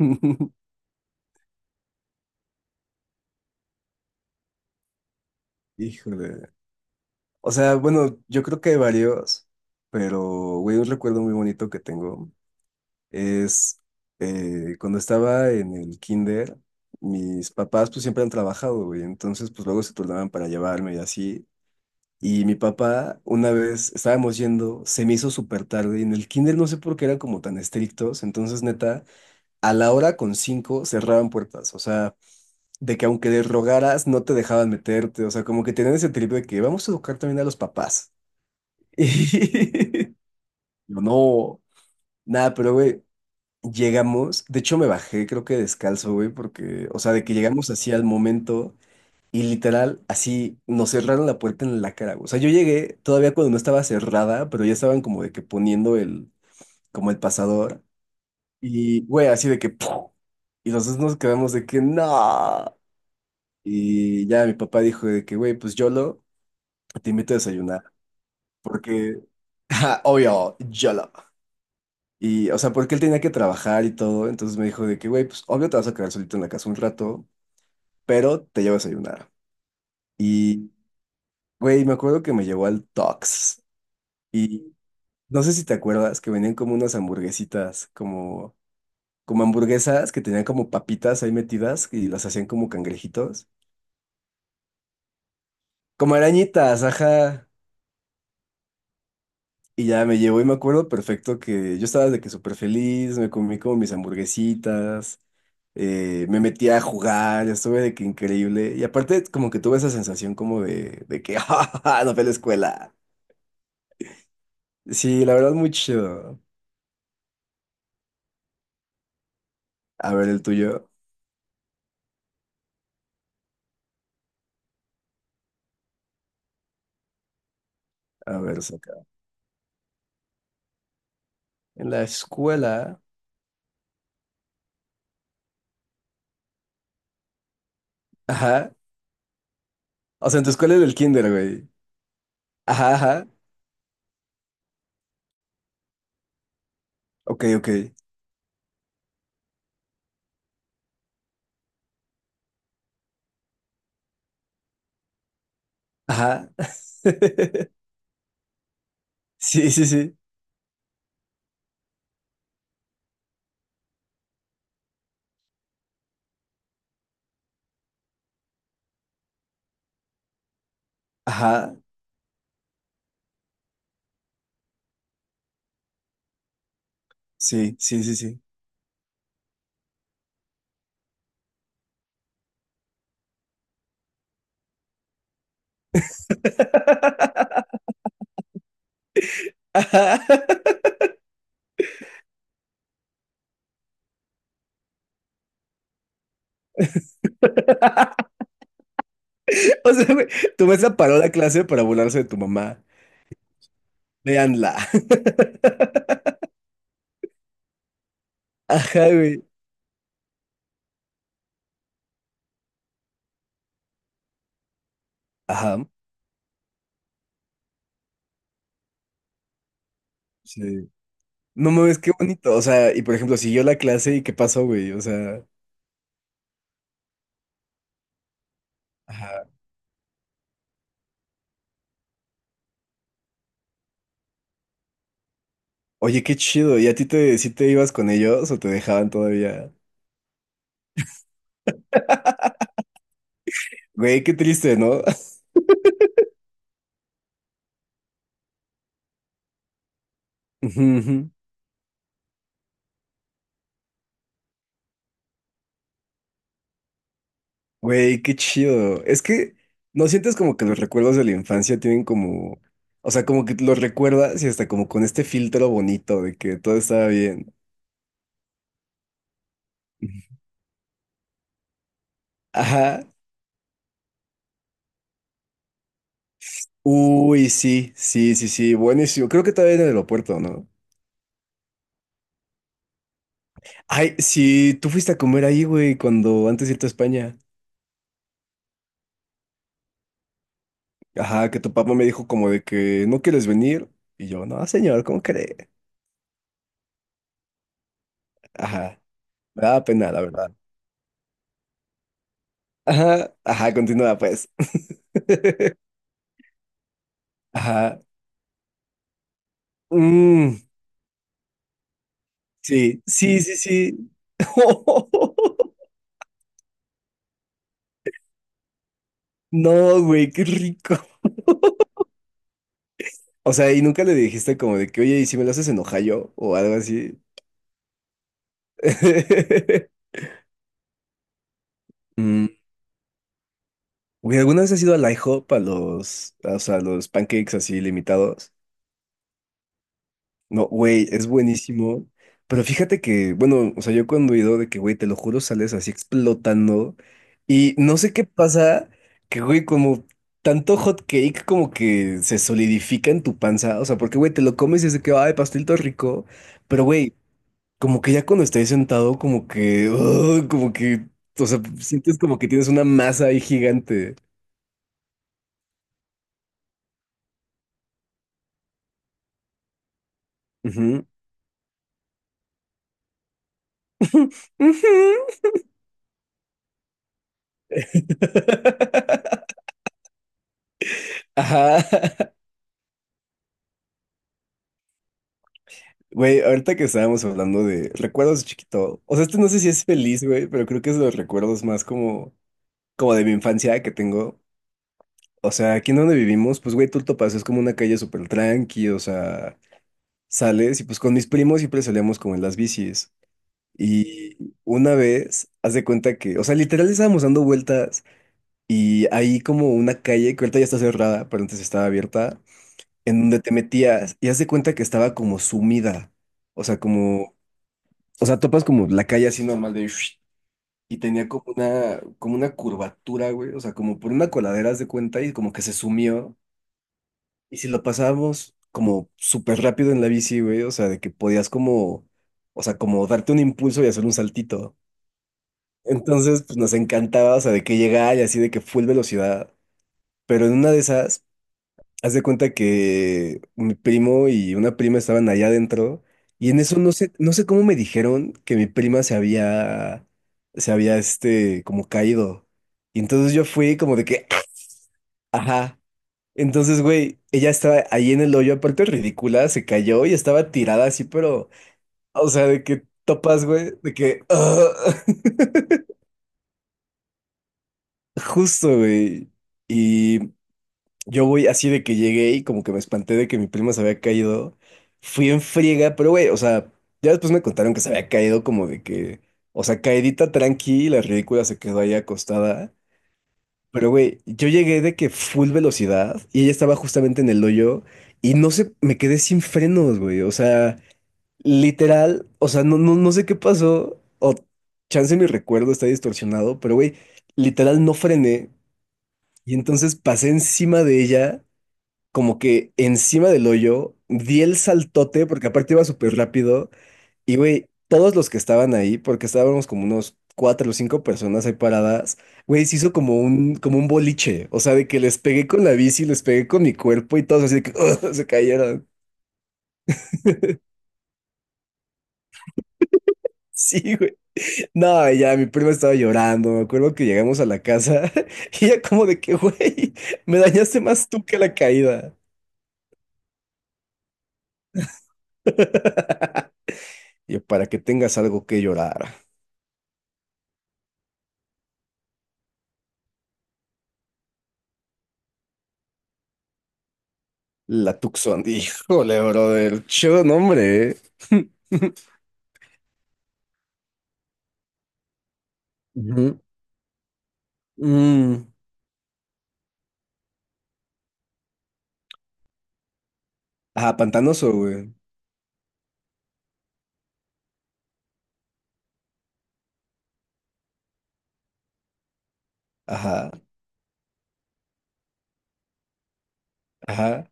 Híjole. O sea, bueno, yo creo que hay varios, pero, güey, un recuerdo muy bonito que tengo es cuando estaba en el kinder, mis papás pues siempre han trabajado, güey, entonces pues luego se turnaban para llevarme y así. Y mi papá, una vez estábamos yendo, se me hizo súper tarde y en el kinder no sé por qué eran como tan estrictos, entonces neta, a la hora con cinco cerraban puertas, o sea, de que aunque les rogaras, no te dejaban meterte, o sea, como que tenían ese trip de que vamos a educar también a los papás. Y yo, no, nada, pero güey, llegamos, de hecho me bajé, creo que descalzo, güey, porque, o sea, de que llegamos así al momento y literal, así nos cerraron la puerta en la cara, güey. O sea, yo llegué todavía cuando no estaba cerrada, pero ya estaban como de que poniendo como el pasador. Y, güey, así de que, ¡pum! Y los dos nos quedamos de que, no. Y ya mi papá dijo de que, güey, pues YOLO, te invito a desayunar. Porque, ja, obvio, YOLO. Y, o sea, porque él tenía que trabajar y todo. Entonces me dijo de que, güey, pues obvio te vas a quedar solito en la casa un rato, pero te llevo a desayunar. Y, güey, me acuerdo que me llevó al Tox. Y no sé si te acuerdas que venían como unas hamburguesitas, como hamburguesas que tenían como papitas ahí metidas y las hacían como cangrejitos. Como arañitas, ajá. Y ya me llevó y me acuerdo perfecto que yo estaba de que súper feliz, me comí como mis hamburguesitas, me metí a jugar, estuve de que increíble. Y aparte como que tuve esa sensación como de que, ¡ja, ja, ja! No fue a la escuela. Sí, la verdad muy chido. A ver el tuyo. A ver, saca. En la escuela. Ajá. O sea, en tu escuela era el kinder, güey. Ajá, ajá. Ok, ok. Ajá. Sí, sí, sí. Ajá. Sí, sí, sí, sí. Ajá. O sea, güey, tu maestra paró la clase para burlarse de tu mamá. Véanla. Ajá, güey. Ajá. Sí. No mames, qué bonito. O sea, y por ejemplo, siguió la clase y qué pasó, güey. O sea, ajá. Oye, qué chido. ¿Y a ti te, si te ibas con ellos o te dejaban todavía? Güey, qué triste, ¿no? Ujú, ujú. Güey, qué chido. Es que no sientes como que los recuerdos de la infancia tienen como, o sea, como que los recuerdas y hasta como con este filtro bonito de que todo estaba bien. Ajá. Uy, sí, sí, sí, sí, buenísimo. Creo que todavía en el aeropuerto, ¿no? Ay, sí, tú fuiste a comer ahí, güey, cuando antes de irte a España. Ajá, que tu papá me dijo como de que no quieres venir. Y yo, no, señor, ¿cómo cree? Ajá, me daba pena, la verdad. Ajá, ajá, continúa pues. Ajá. Mm. Sí, sí, sí, sí. No, güey, qué rico. O sea, y nunca le dijiste como de que, oye, ¿y si me lo haces en Ohio o algo así? Mm, Güey, ¿alguna vez has ido al IHOP a los, o sea, a los pancakes así limitados? No, güey, es buenísimo. Pero fíjate que, bueno, o sea, yo cuando he ido de que, güey, te lo juro, sales así explotando. Y no sé qué pasa, que, güey, como tanto hot cake como que se solidifica en tu panza. O sea, porque, güey, te lo comes y es de que, ay, pastel todo rico. Pero, güey, como que ya cuando estás sentado, como que, ugh, como que, o sea, sientes como que tienes una masa ahí gigante. Ujú. Ujú. Ajá. Güey, ahorita que estábamos hablando de recuerdos de chiquito, o sea, este no sé si es feliz, güey, pero creo que es de los recuerdos más como de mi infancia que tengo. O sea, aquí en donde vivimos, pues, güey, tú topas, es como una calle súper tranqui, o sea, sales y pues con mis primos siempre salíamos como en las bicis. Y una vez, haz de cuenta que, o sea, literal estábamos dando vueltas y hay como una calle que ahorita ya está cerrada, pero antes estaba abierta, en donde te metías y haz de cuenta que estaba como sumida. O sea, como O sea, topas como la calle así normal de... Y tenía como una curvatura, güey. O sea, como por una coladera, haz de cuenta, y como que se sumió. Y si lo pasábamos como súper rápido en la bici, güey. O sea, de que podías como... O sea, como darte un impulso y hacer un saltito. Entonces, pues nos encantaba, o sea, de que llegaba y así de que full velocidad. Pero en una de esas... Haz de cuenta que mi primo y una prima estaban allá adentro y en eso no sé cómo me dijeron que mi prima se había, este, como caído. Y entonces yo fui como de que, ¡ah! Ajá. Entonces, güey, ella estaba ahí en el hoyo, aparte ridícula, se cayó y estaba tirada así, pero, o sea, de que topas, güey, de que, ah, justo, güey. Y yo voy así de que llegué y como que me espanté de que mi prima se había caído. Fui en friega, pero güey, o sea, ya después me contaron que se había caído como de que, o sea, caidita tranqui, la ridícula se quedó ahí acostada. Pero güey, yo llegué de que full velocidad y ella estaba justamente en el hoyo y no sé, me quedé sin frenos, güey. O sea, literal, o sea, no, no, no sé qué pasó o chance mi recuerdo está distorsionado, pero güey, literal no frené y entonces pasé encima de ella como que encima del hoyo, di el saltote, porque aparte iba súper rápido, y güey, todos los que estaban ahí, porque estábamos como unos cuatro o cinco personas ahí paradas, güey, se hizo como un boliche, o sea, de que les pegué con la bici, les pegué con mi cuerpo y todos así de que se cayeron. Sí, güey. No, ya mi prima estaba llorando. Me acuerdo que llegamos a la casa y ella como de que, güey, me dañaste más tú que la caída. Y yo, para que tengas algo que llorar. La Tucson, híjole, brother. Chido nombre, ¿eh? Ujú. Mm. Ajá, pantanoso, güey. Ajá, ajá,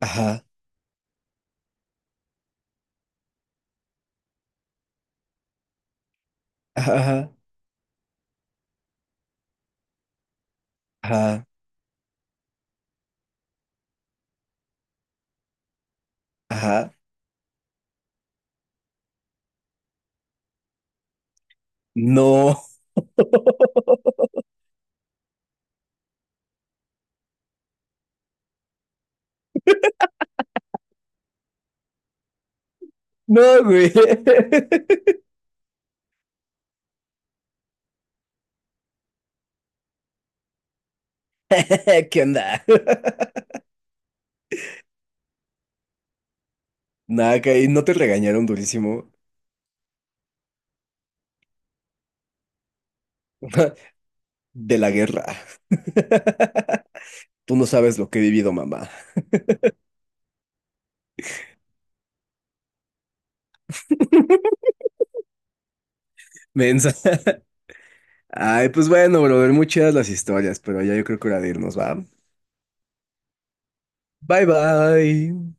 ajá, ajá, ajá, ajá. No, no, güey. ¿Qué onda? Nada, que ahí no te regañaron durísimo de la guerra. Tú no sabes lo que he vivido, mamá. Mensa. Ay, pues bueno, brother, muy chidas las historias, pero ya yo creo que hora de irnos, ¿va? Bye, bye.